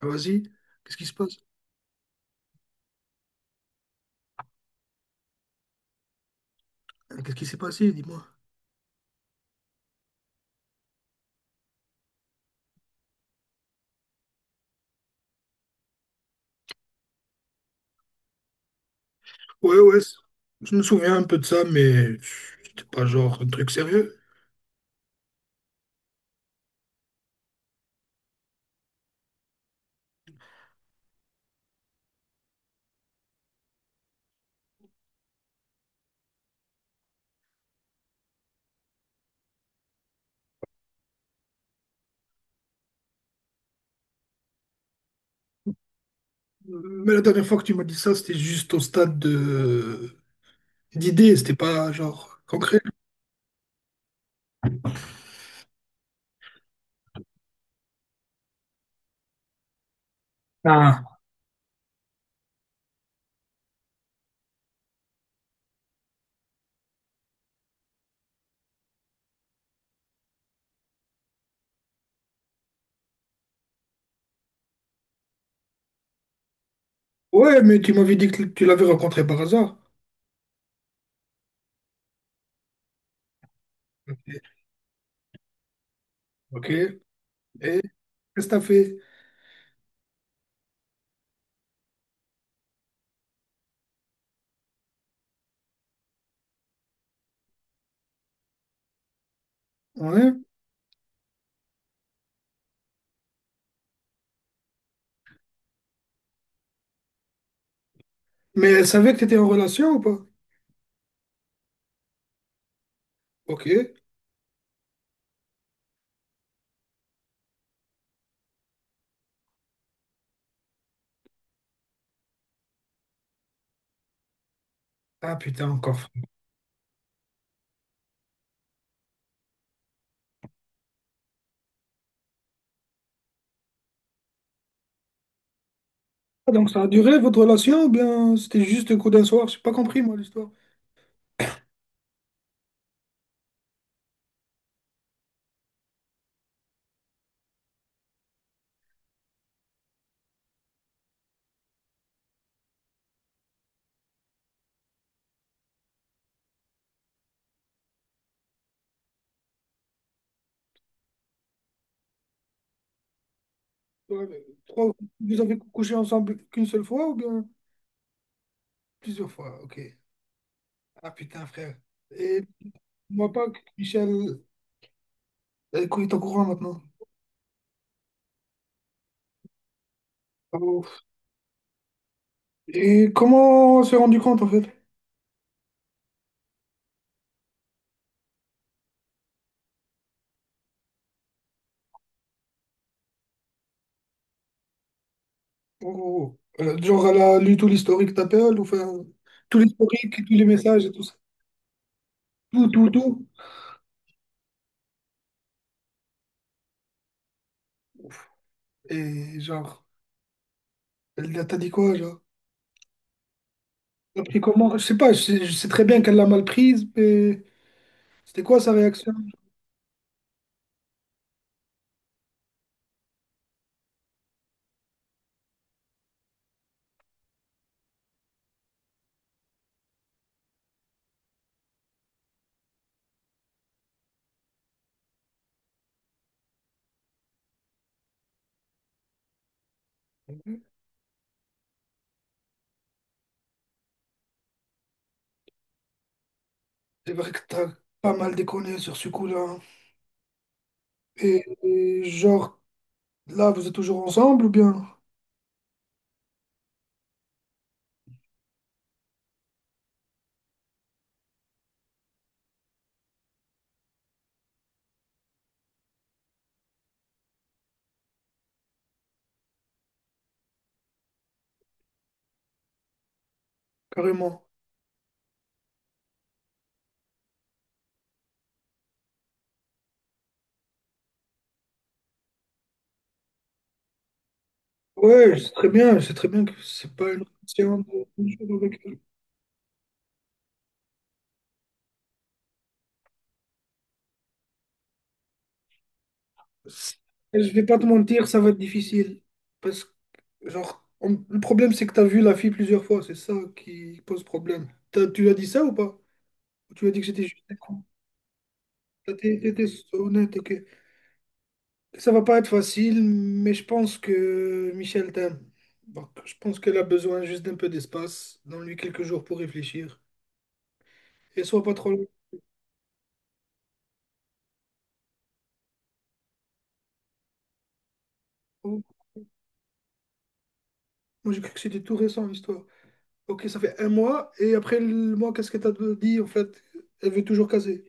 Ah, vas-y, qu'est-ce qui se passe? Qu'est-ce qui s'est passé? Dis-moi. Ouais, ouais, je me souviens un peu de ça, mais c'était pas genre un truc sérieux. Mais la dernière fois que tu m'as dit ça, c'était juste au stade de d'idée, c'était pas genre concret. Ah. Ouais, mais tu m'avais dit que tu l'avais rencontré par hasard. Ok, ok. Et qu'est-ce que t'as fait? Ouais. Mais elle savait que t'étais en relation ou pas? Ok. Ah putain, encore. Ah, donc ça a duré votre relation ou bien c'était juste un coup d'un soir? J'ai pas compris moi l'histoire. Ouais, mais trois- Vous avez couché ensemble qu'une seule fois ou bien plusieurs fois? Ok. Ah putain, frère. Et moi pas que Michel elle est au courant maintenant. Oh. Et comment on s'est rendu compte en fait? Oh, oh, oh. Genre, elle a lu tout l'historique d'appel, ou enfin, tout l'historique, tous les messages et tout ça. Tout, tout, tout. Et genre, elle t'a dit quoi, genre? T'as pris comment? Je sais pas, je sais très bien qu'elle l'a mal prise, mais c'était quoi sa réaction? C'est vrai que t'as pas mal déconné sur ce coup-là, hein. Et genre, là, vous êtes toujours ensemble ou bien? Carrément. Ouais, c'est très bien que c'est pas une question de bonjour avec elle. Je vais pas te mentir, ça va être difficile. Parce que, genre, le problème, c'est que t'as vu la fille plusieurs fois, c'est ça qui pose problème. Tu lui as dit ça ou pas? Ou tu lui as dit que j'étais juste un con? T'étais honnête, ok. Ça va pas être facile, mais je pense que Michel t'aime. Donc, je pense qu'elle a besoin juste d'un peu d'espace. Donne-lui quelques jours pour réfléchir. Et sois pas trop long. Moi, j'ai cru que c'était tout récent, l'histoire. Ok, ça fait un mois, et après le mois, qu'est-ce que t'as dit en fait? Elle veut toujours caser.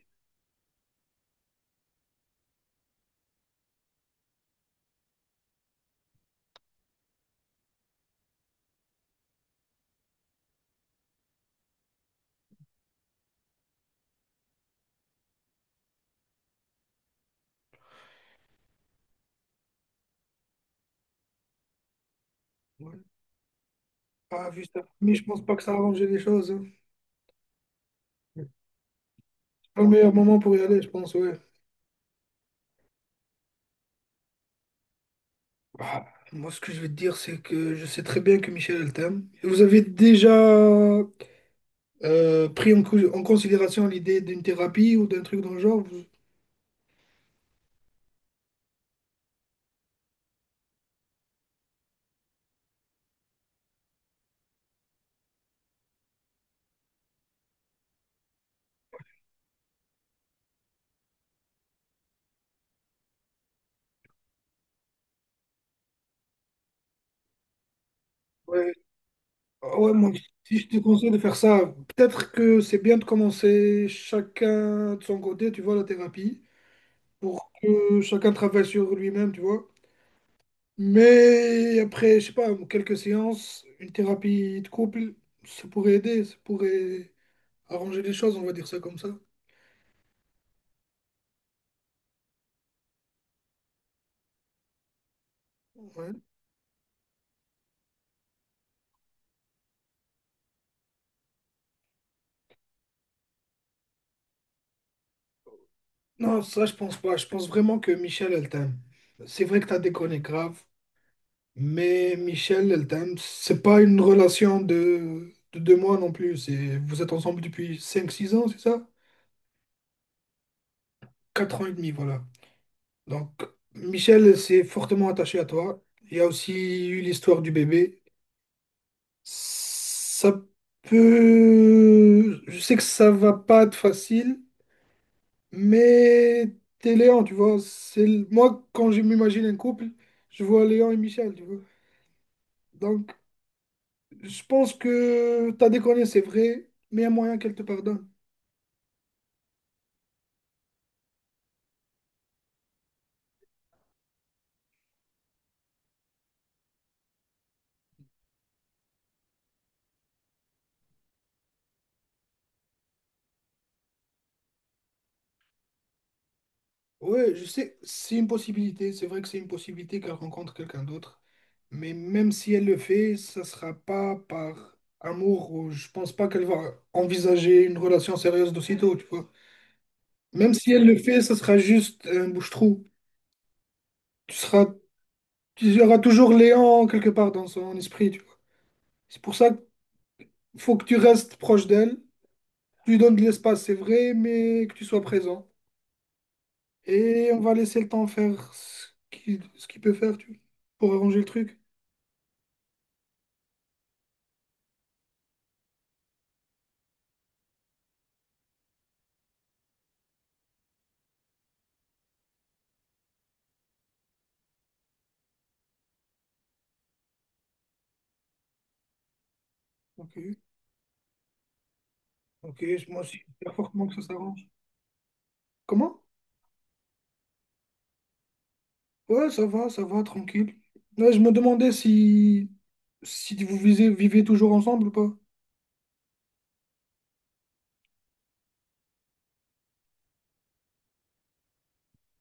Ouais. Ah, vu ça. Mais je pense pas que ça a arrangé les choses, hein. C'est pas le meilleur moment pour y aller, je pense, ouais. Ah, moi, ce que je vais te dire, c'est que je sais très bien que Michel, elle t'aime. Vous avez déjà pris en considération l'idée d'une thérapie ou d'un truc dans le genre? Ouais. Ah ouais, moi, si je te conseille de faire ça, peut-être que c'est bien de commencer chacun de son côté, tu vois, la thérapie, pour que chacun travaille sur lui-même, tu vois. Mais après, je sais pas, quelques séances, une thérapie de couple, ça pourrait aider, ça pourrait arranger les choses, on va dire ça comme ça. Ouais. Non, ça, je pense pas. Je pense vraiment que Michel, elle t'aime. C'est vrai que t'as déconné grave, mais Michel, elle t'aime. C'est pas une relation de deux mois non plus. C'est, vous êtes ensemble depuis cinq, six ans, c'est ça? 4 ans et demi, voilà. Donc, Michel s'est fortement attaché à toi. Il y a aussi eu l'histoire du bébé. Ça peut... Je sais que ça va pas être facile, mais t'es Léon, tu vois. C'est... Moi, quand je m'imagine un couple, je vois Léon et Michel, tu vois. Donc, je pense que ta déconner, c'est vrai, mais il y a moyen qu'elle te pardonne. Ouais, je sais, c'est une possibilité. C'est vrai que c'est une possibilité qu'elle rencontre quelqu'un d'autre. Mais même si elle le fait, ça sera pas par amour ou je pense pas qu'elle va envisager une relation sérieuse d'aussitôt, tu vois. Même si elle le fait, ça sera juste un bouche-trou. Tu seras, tu y aura toujours Léon quelque part dans son esprit, tu vois. C'est pour ça qu'il faut que tu restes proche d'elle. Tu lui donnes de l'espace, c'est vrai, mais que tu sois présent. Et on va laisser le temps faire ce qu'il peut faire, tu vois, pour arranger le truc. Ok. Ok, moi aussi, j'espère fortement que ça s'arrange. Comment? Ouais, ça va, tranquille. Là, je me demandais si, si vous vivez toujours ensemble ou pas.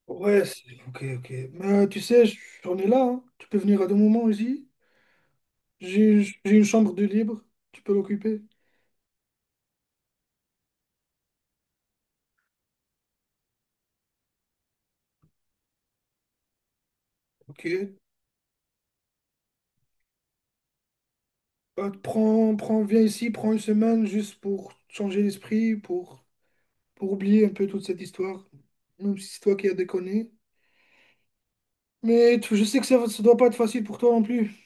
Ouais, c'est- ok, ok. Mais tu sais, j'en ai là, hein. Tu peux venir à deux moments ici. J'ai une chambre de libre, tu peux l'occuper. Ok. Bah, prends, prends, viens ici, prends une semaine juste pour changer l'esprit, pour oublier un peu toute cette histoire. Même si c'est toi qui as déconné. Mais je sais que ça ne doit pas être facile pour toi non plus.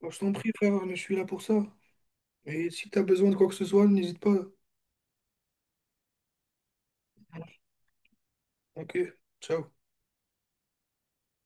Moi, je t'en prie, frère, je suis là pour ça. Et si t'as besoin de quoi que ce soit, n'hésite pas. Ok, ciao.